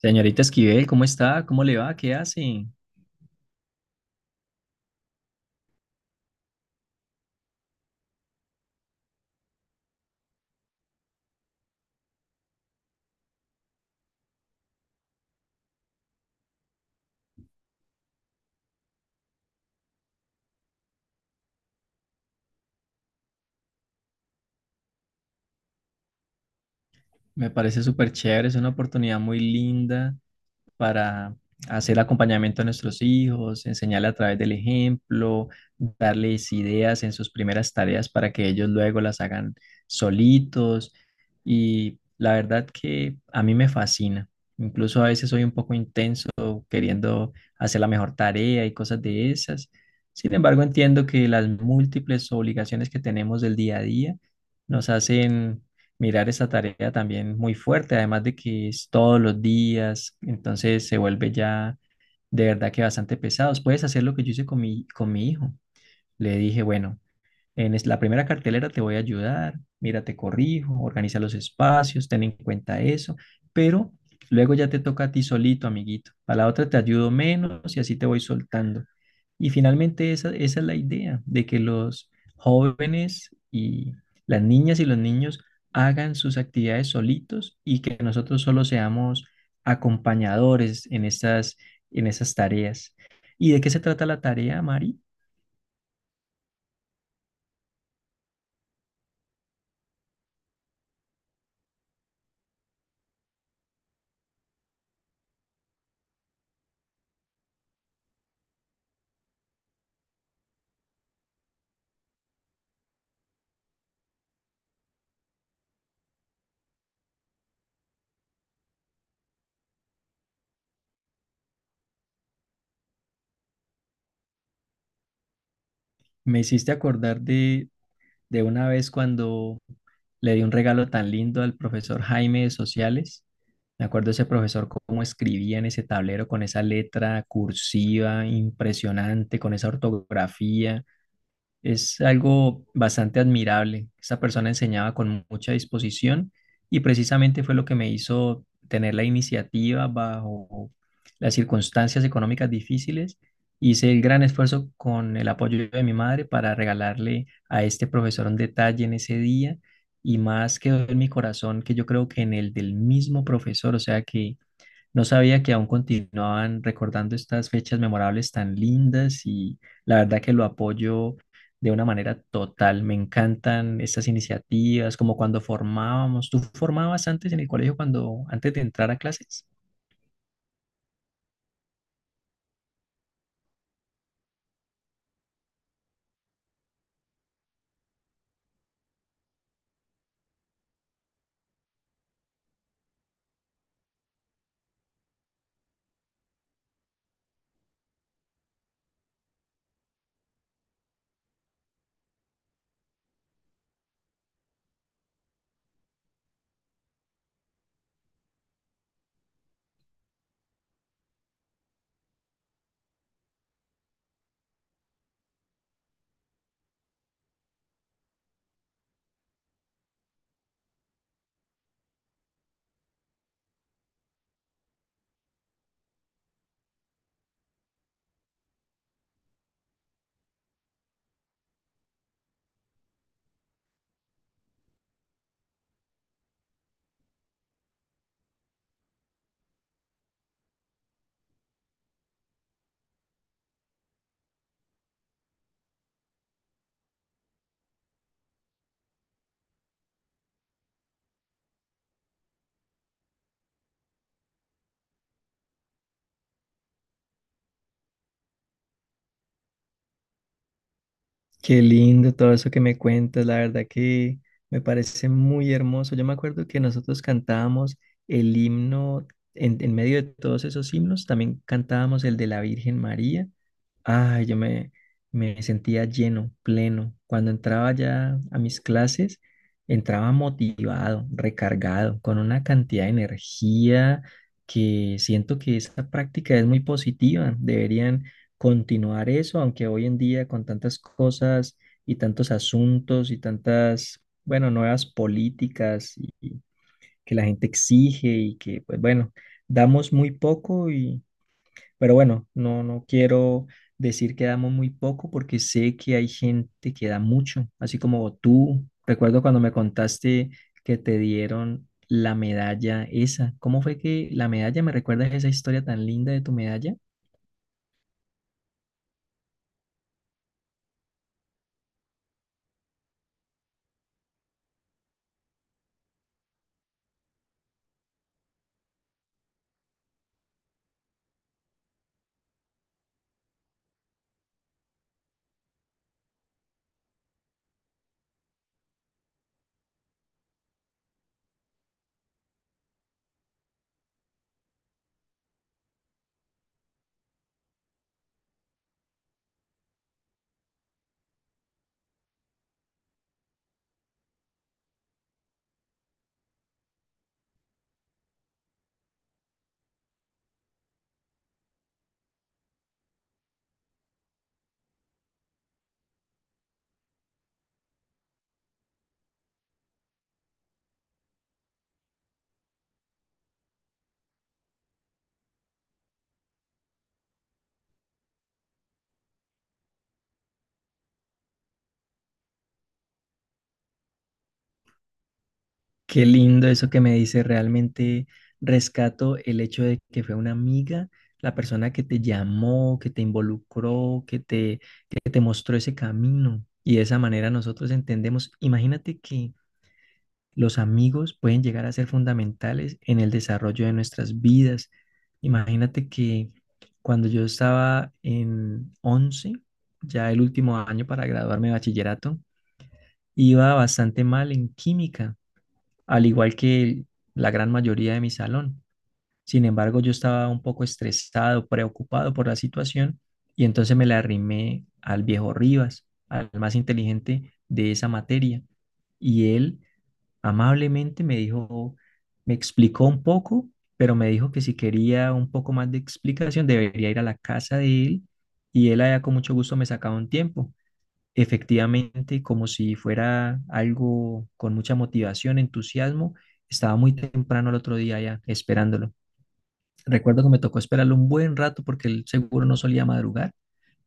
Señorita Esquivel, ¿cómo está? ¿Cómo le va? ¿Qué hace? Me parece súper chévere, es una oportunidad muy linda para hacer acompañamiento a nuestros hijos, enseñarle a través del ejemplo, darles ideas en sus primeras tareas para que ellos luego las hagan solitos. Y la verdad que a mí me fascina. Incluso a veces soy un poco intenso queriendo hacer la mejor tarea y cosas de esas. Sin embargo, entiendo que las múltiples obligaciones que tenemos del día a día nos hacen mirar esa tarea también muy fuerte, además de que es todos los días, entonces se vuelve ya de verdad que bastante pesados. Puedes hacer lo que yo hice con mi hijo. Le dije, bueno, la primera cartelera te voy a ayudar, mira, te corrijo, organiza los espacios, ten en cuenta eso, pero luego ya te toca a ti solito, amiguito. A la otra te ayudo menos y así te voy soltando. Y finalmente esa es la idea, de que los jóvenes y las niñas y los niños hagan sus actividades solitos y que nosotros solo seamos acompañadores en esas tareas. ¿Y de qué se trata la tarea, Mari? Me hiciste acordar de una vez cuando le di un regalo tan lindo al profesor Jaime de Sociales. Me acuerdo ese profesor cómo escribía en ese tablero con esa letra cursiva impresionante, con esa ortografía. Es algo bastante admirable. Esta persona enseñaba con mucha disposición y precisamente fue lo que me hizo tener la iniciativa bajo las circunstancias económicas difíciles. Hice el gran esfuerzo con el apoyo de mi madre para regalarle a este profesor un detalle en ese día y más quedó en mi corazón que yo creo que en el del mismo profesor, o sea que no sabía que aún continuaban recordando estas fechas memorables tan lindas y la verdad que lo apoyo de una manera total. Me encantan estas iniciativas, como cuando formábamos. ¿Tú formabas antes en el colegio cuando antes de entrar a clases? Qué lindo todo eso que me cuentas, la verdad que me parece muy hermoso. Yo me acuerdo que nosotros cantábamos el himno, en medio de todos esos himnos, también cantábamos el de la Virgen María. Ay, me sentía lleno, pleno. Cuando entraba ya a mis clases, entraba motivado, recargado, con una cantidad de energía que siento que esa práctica es muy positiva. Deberían continuar eso, aunque hoy en día con tantas cosas y tantos asuntos y tantas, bueno, nuevas políticas y que la gente exige y que, pues bueno, damos muy poco y, pero bueno, no quiero decir que damos muy poco porque sé que hay gente que da mucho, así como tú. Recuerdo cuando me contaste que te dieron la medalla esa. ¿Cómo fue que la medalla? ¿Me recuerdas esa historia tan linda de tu medalla? Qué lindo eso que me dice. Realmente rescato el hecho de que fue una amiga, la persona que te llamó, que te involucró, que te mostró ese camino. Y de esa manera nosotros entendemos. Imagínate que los amigos pueden llegar a ser fundamentales en el desarrollo de nuestras vidas. Imagínate que cuando yo estaba en 11, ya el último año para graduarme de bachillerato, iba bastante mal en química al igual que la gran mayoría de mi salón. Sin embargo, yo estaba un poco estresado, preocupado por la situación y entonces me la arrimé al viejo Rivas, al más inteligente de esa materia. Y él amablemente me dijo, me explicó un poco, pero me dijo que si quería un poco más de explicación debería ir a la casa de él y él allá con mucho gusto me sacaba un tiempo. Efectivamente, como si fuera algo con mucha motivación, entusiasmo, estaba muy temprano el otro día ya esperándolo. Recuerdo que me tocó esperarlo un buen rato porque el seguro no solía madrugar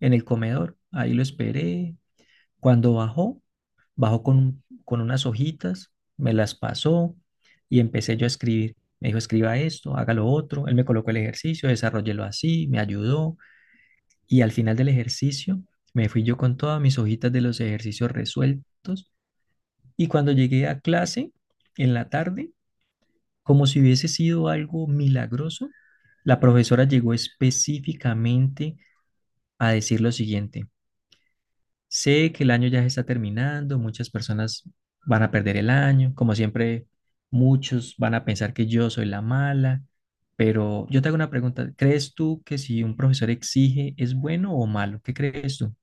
en el comedor. Ahí lo esperé. Cuando bajó, bajó con unas hojitas, me las pasó y empecé yo a escribir. Me dijo, escriba esto, haga lo otro. Él me colocó el ejercicio, desarrollelo así, me ayudó. Y al final del ejercicio me fui yo con todas mis hojitas de los ejercicios resueltos y cuando llegué a clase en la tarde, como si hubiese sido algo milagroso, la profesora llegó específicamente a decir lo siguiente. Sé que el año ya se está terminando, muchas personas van a perder el año, como siempre muchos van a pensar que yo soy la mala, pero yo te hago una pregunta, ¿crees tú que si un profesor exige es bueno o malo? ¿Qué crees tú?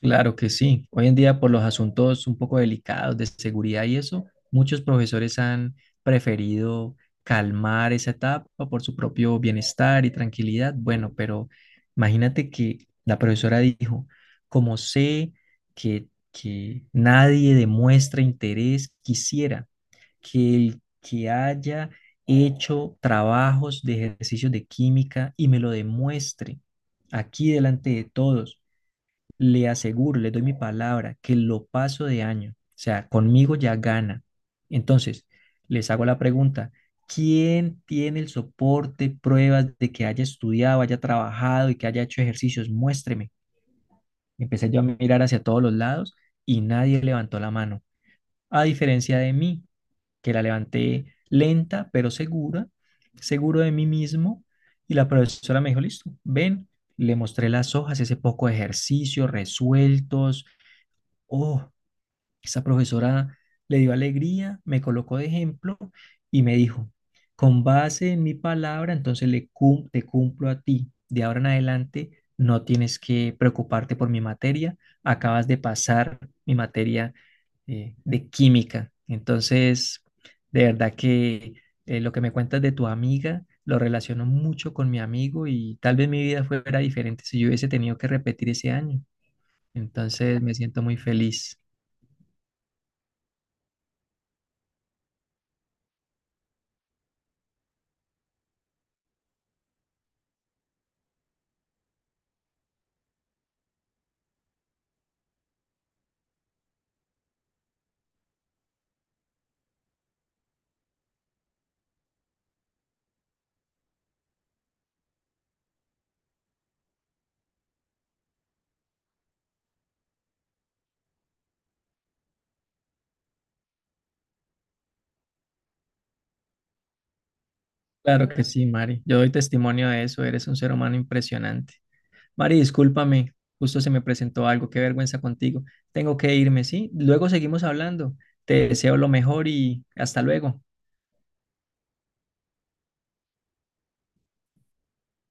Claro que sí. Hoy en día, por los asuntos un poco delicados de seguridad y eso, muchos profesores han preferido calmar esa etapa por su propio bienestar y tranquilidad. Bueno, pero imagínate que la profesora dijo, como sé que nadie demuestra interés, quisiera que el que haya hecho trabajos de ejercicios de química y me lo demuestre aquí delante de todos le aseguro, le doy mi palabra que lo paso de año. O sea, conmigo ya gana. Entonces, les hago la pregunta, ¿quién tiene el soporte, pruebas de que haya estudiado, haya trabajado y que haya hecho ejercicios? Muéstreme. Empecé yo a mirar hacia todos los lados y nadie levantó la mano. A diferencia de mí, que la levanté lenta pero segura, seguro de mí mismo. Y la profesora me dijo, listo, ven, le mostré las hojas, ese poco de ejercicio, resueltos oh, esa profesora le dio alegría, me colocó de ejemplo y me dijo, con base en mi palabra, entonces te cumplo a ti. De ahora en adelante no tienes que preocuparte por mi materia, acabas de pasar mi materia de química. Entonces, de verdad que lo que me cuentas de tu amiga lo relaciono mucho con mi amigo y tal vez mi vida fuera diferente si yo hubiese tenido que repetir ese año. Entonces me siento muy feliz. Claro que sí, Mari. Yo doy testimonio de eso. Eres un ser humano impresionante. Mari, discúlpame. Justo se me presentó algo. Qué vergüenza contigo. Tengo que irme, ¿sí? Luego seguimos hablando. Te deseo lo mejor y hasta luego.